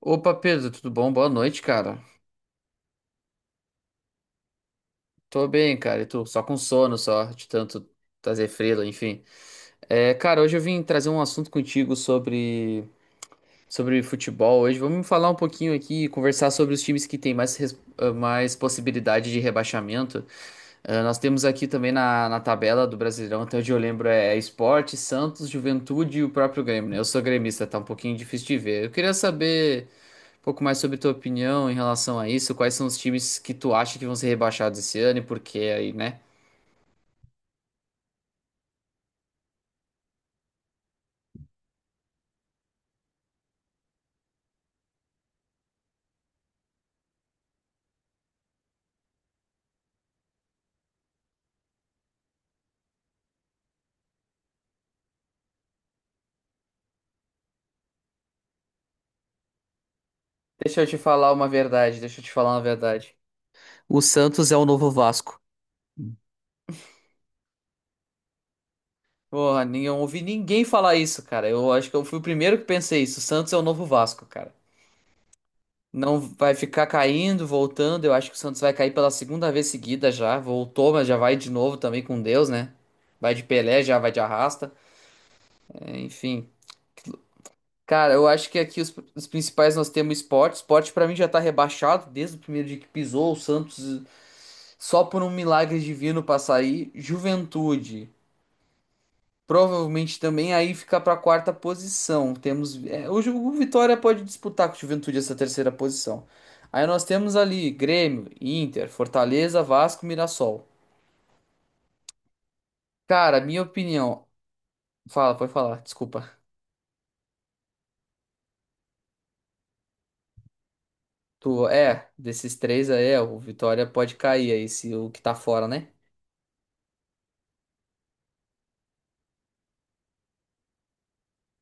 Opa, Pedro, tudo bom? Boa noite, cara. Tô bem, cara. E tu? Só com sono, só, de tanto trazer frila, enfim. É, cara, hoje eu vim trazer um assunto contigo sobre futebol. Hoje vamos falar um pouquinho aqui, e conversar sobre os times que têm mais possibilidade de rebaixamento. Ah, nós temos aqui também na tabela do Brasileirão, até onde eu lembro, é Sport, Santos, Juventude e o próprio Grêmio, né? Eu sou gremista, tá um pouquinho difícil de ver. Eu queria saber um pouco mais sobre tua opinião em relação a isso. Quais são os times que tu acha que vão ser rebaixados esse ano e por quê aí, né? Deixa eu te falar uma verdade, deixa eu te falar uma verdade. O Santos é o novo Vasco. Porra, eu ouvi ninguém falar isso, cara. Eu acho que eu fui o primeiro que pensei isso. O Santos é o novo Vasco, cara. Não vai ficar caindo, voltando. Eu acho que o Santos vai cair pela segunda vez seguida já. Voltou, mas já vai de novo também com Deus, né? Vai de Pelé, já vai de arrasta. É, enfim, cara, eu acho que aqui os principais nós temos esporte. Esporte pra mim já tá rebaixado desde o primeiro dia que pisou. O Santos só por um milagre divino pra sair. Juventude. Provavelmente também aí fica pra quarta posição. Temos é, hoje o Vitória pode disputar com o Juventude essa terceira posição. Aí nós temos ali Grêmio, Inter, Fortaleza, Vasco, Mirassol. Cara, minha opinião. Fala, pode falar, desculpa. Tu é, desses três aí, é, o Vitória pode cair aí, se o que tá fora, né?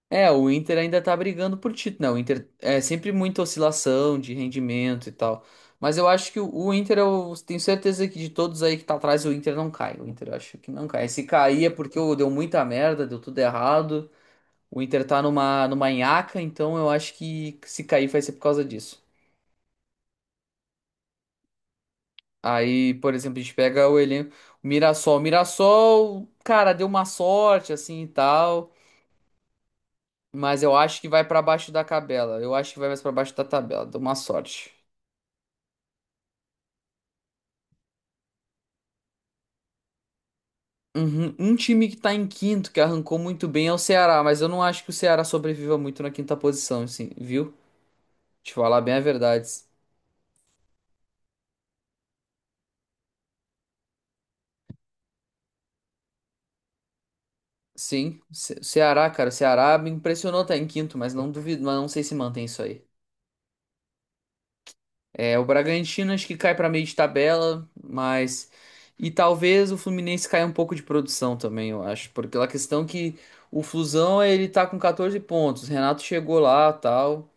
É, o Inter ainda tá brigando por título, né? O Inter é sempre muita oscilação de rendimento e tal. Mas eu acho que o Inter, eu tenho certeza que de todos aí que tá atrás, o Inter não cai. O Inter eu acho que não cai. Se cair é porque ô, deu muita merda, deu tudo errado. O Inter tá numa nhaca, então eu acho que se cair vai ser por causa disso. Aí, por exemplo, a gente pega o elenco, o Mirassol. O Mirassol, cara, deu uma sorte assim e tal. Mas eu acho que vai pra baixo da tabela. Eu acho que vai mais pra baixo da tabela. Deu uma sorte. Uhum. Um time que tá em quinto, que arrancou muito bem, é o Ceará, mas eu não acho que o Ceará sobreviva muito na quinta posição, assim, viu? Te falar bem a verdade. Sim, Ceará, cara, o Ceará me impressionou tá em quinto, mas não duvido, mas não sei se mantém isso aí. É, o Bragantino acho que cai pra meio de tabela, mas e talvez o Fluminense caia um pouco de produção também, eu acho, porque a questão que o Flusão, ele tá com 14 pontos, o Renato chegou lá, tal.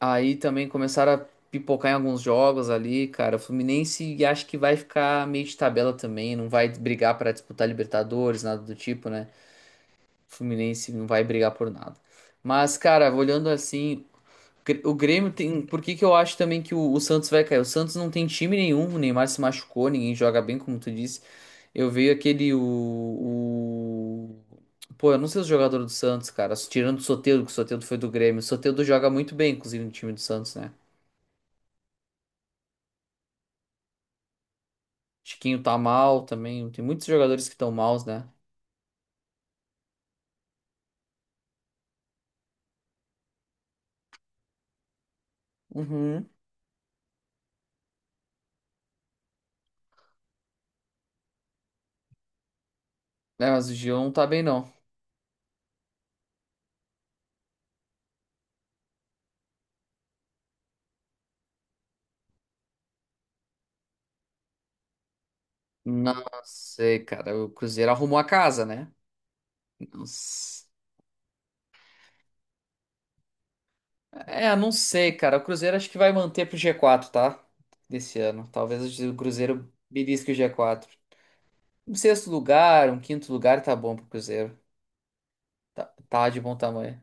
Aí também começaram a pipocar em alguns jogos ali, cara. O Fluminense acho que vai ficar meio de tabela também, não vai brigar pra disputar Libertadores, nada do tipo, né? O Fluminense não vai brigar por nada. Mas, cara, olhando assim, o Grêmio tem. Por que que eu acho também que o Santos vai cair? O Santos não tem time nenhum, o Neymar se machucou, ninguém joga bem, como tu disse. Eu vejo aquele. Pô, eu não sei os jogadores do Santos, cara. Tirando o Soteldo, que o Soteldo foi do Grêmio. O Soteldo joga muito bem, inclusive, no time do Santos, né? Chiquinho tá mal também. Tem muitos jogadores que estão maus, né? Uhum. É, mas o Gil não tá bem, não. Não sei, cara. O Cruzeiro arrumou a casa, né? Não s- É, não sei, cara. O Cruzeiro acho que vai manter pro G4, tá? Desse ano. Talvez o Cruzeiro belisque o G4. Um sexto lugar, um quinto lugar tá bom pro Cruzeiro. Tá, tá de bom tamanho.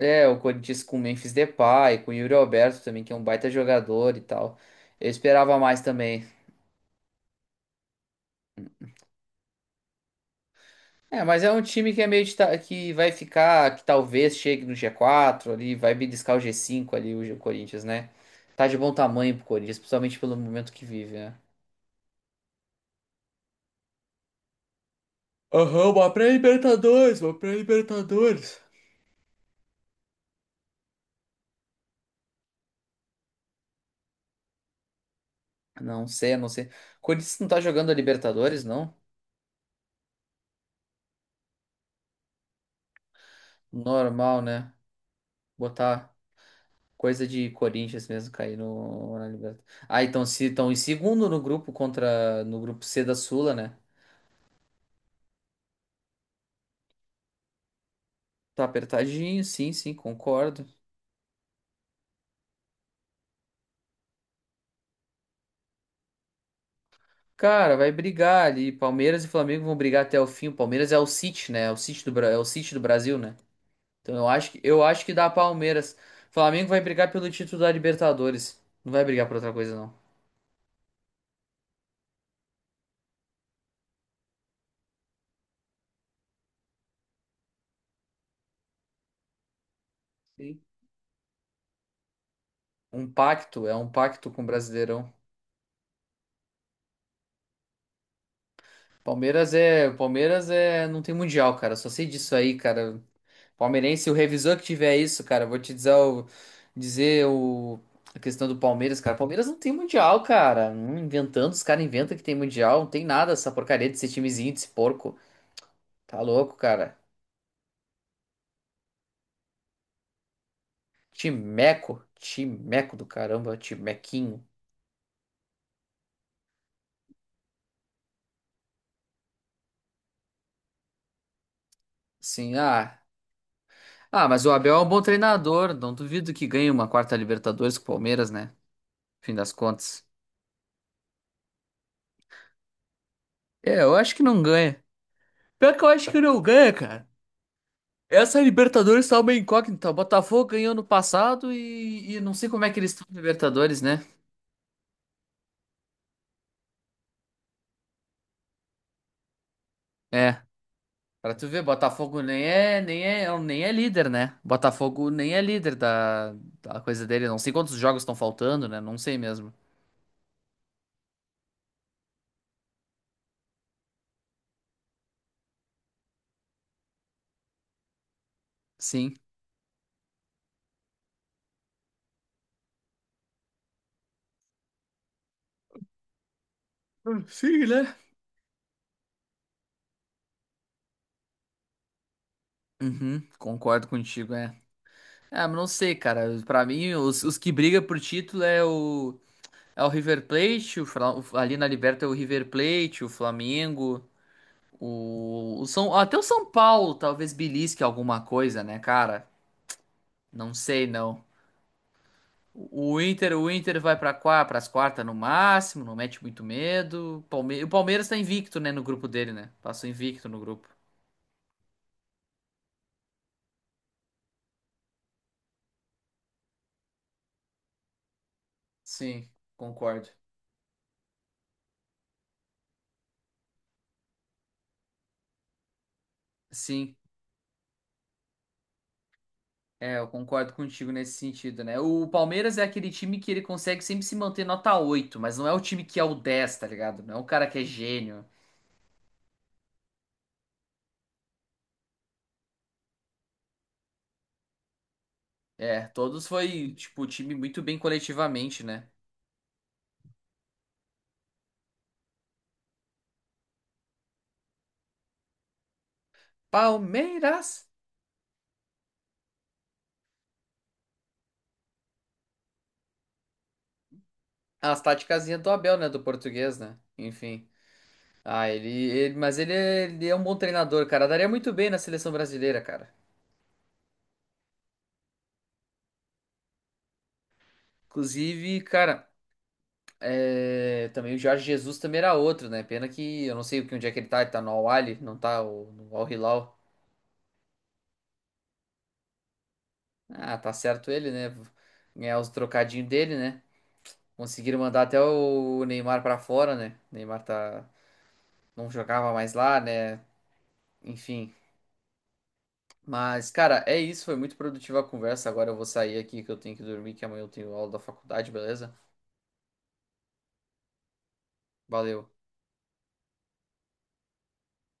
É, o Corinthians com o Memphis Depay, com o Yuri Alberto também, que é um baita jogador e tal. Eu esperava mais também. É, mas é um time que é meio de que vai ficar, que talvez chegue no G4 ali, vai beliscar o G5 ali, o Corinthians, né? Tá de bom tamanho pro Corinthians, principalmente pelo momento que vive, né? Aham, uma pré-Libertadores, uma pré-Libertadores. Não sei, não sei. Corinthians não tá jogando a Libertadores, não? Normal, né? Botar coisa de Corinthians mesmo cair no na Libertadores. Ah, então se estão em segundo no grupo contra no grupo C da Sula, né? Tá apertadinho, sim, sim, concordo. Cara, vai brigar ali. Palmeiras e Flamengo vão brigar até o fim. O Palmeiras é o City, né? É o City do, é o City do Brasil, né? Então eu acho que dá Palmeiras. Flamengo vai brigar pelo título da Libertadores. Não vai brigar por outra coisa, não. Sim. Um pacto, é um pacto com o Brasileirão. Palmeiras é, não tem mundial, cara. Só sei disso aí, cara. Palmeirense, o revisor que tiver isso, cara, eu vou te dizer o, dizer o, a questão do Palmeiras, cara. Palmeiras não tem mundial, cara. Não inventando, os caras inventam que tem mundial. Não tem nada essa porcaria desse timezinho, desse porco. Tá louco, cara. Timeco, timeco do caramba, timequinho. Sim, ah. Ah, mas o Abel é um bom treinador. Não duvido que ganhe uma quarta Libertadores com o Palmeiras, né? Fim das contas. É, eu acho que não ganha. Pior que eu acho que não ganha, cara. Essa Libertadores tá uma incógnita. O Botafogo ganhou no passado e não sei como é que eles estão na Libertadores, né? É, pra tu ver, Botafogo nem é, nem é, é um, nem é líder, né? Botafogo nem é líder da, da coisa dele. Não sei quantos jogos estão faltando, né? Não sei mesmo. Sim. Sim, né? Uhum, concordo contigo, é. Ah, mas não sei, cara. Pra mim, os que brigam por título é o, é o River Plate, ali na Liberta é o River Plate, o Flamengo. Até o São Paulo talvez belisque alguma coisa, né, cara? Não sei, não. O Inter vai para as quartas no máximo, não mete muito medo. O Palmeiras tá invicto, né, no grupo dele, né? Passou invicto no grupo. Sim, concordo. Sim, é, eu concordo contigo nesse sentido, né? O Palmeiras é aquele time que ele consegue sempre se manter nota 8 mas não é o time que é o 10, tá ligado? Não é um cara que é gênio. É, todos foi, tipo, time muito bem coletivamente, né? Palmeiras. As taticazinhas do Abel, né? Do português, né? Enfim. Ah, mas ele é um bom treinador, cara. Daria muito bem na seleção brasileira, cara. Inclusive, cara, é, também o Jorge Jesus também era outro, né? Pena que eu não sei o que onde é que ele tá. Ele tá no Al-Ahly, não tá no Al-Hilal. Ah, tá certo ele, né? Ganhar os trocadinhos dele, né? Conseguiram mandar até o Neymar pra fora, né? O Neymar tá, não jogava mais lá, né? Enfim. Mas, cara, é isso. Foi muito produtiva a conversa. Agora eu vou sair aqui que eu tenho que dormir, que amanhã eu tenho aula da faculdade, beleza? Valeu.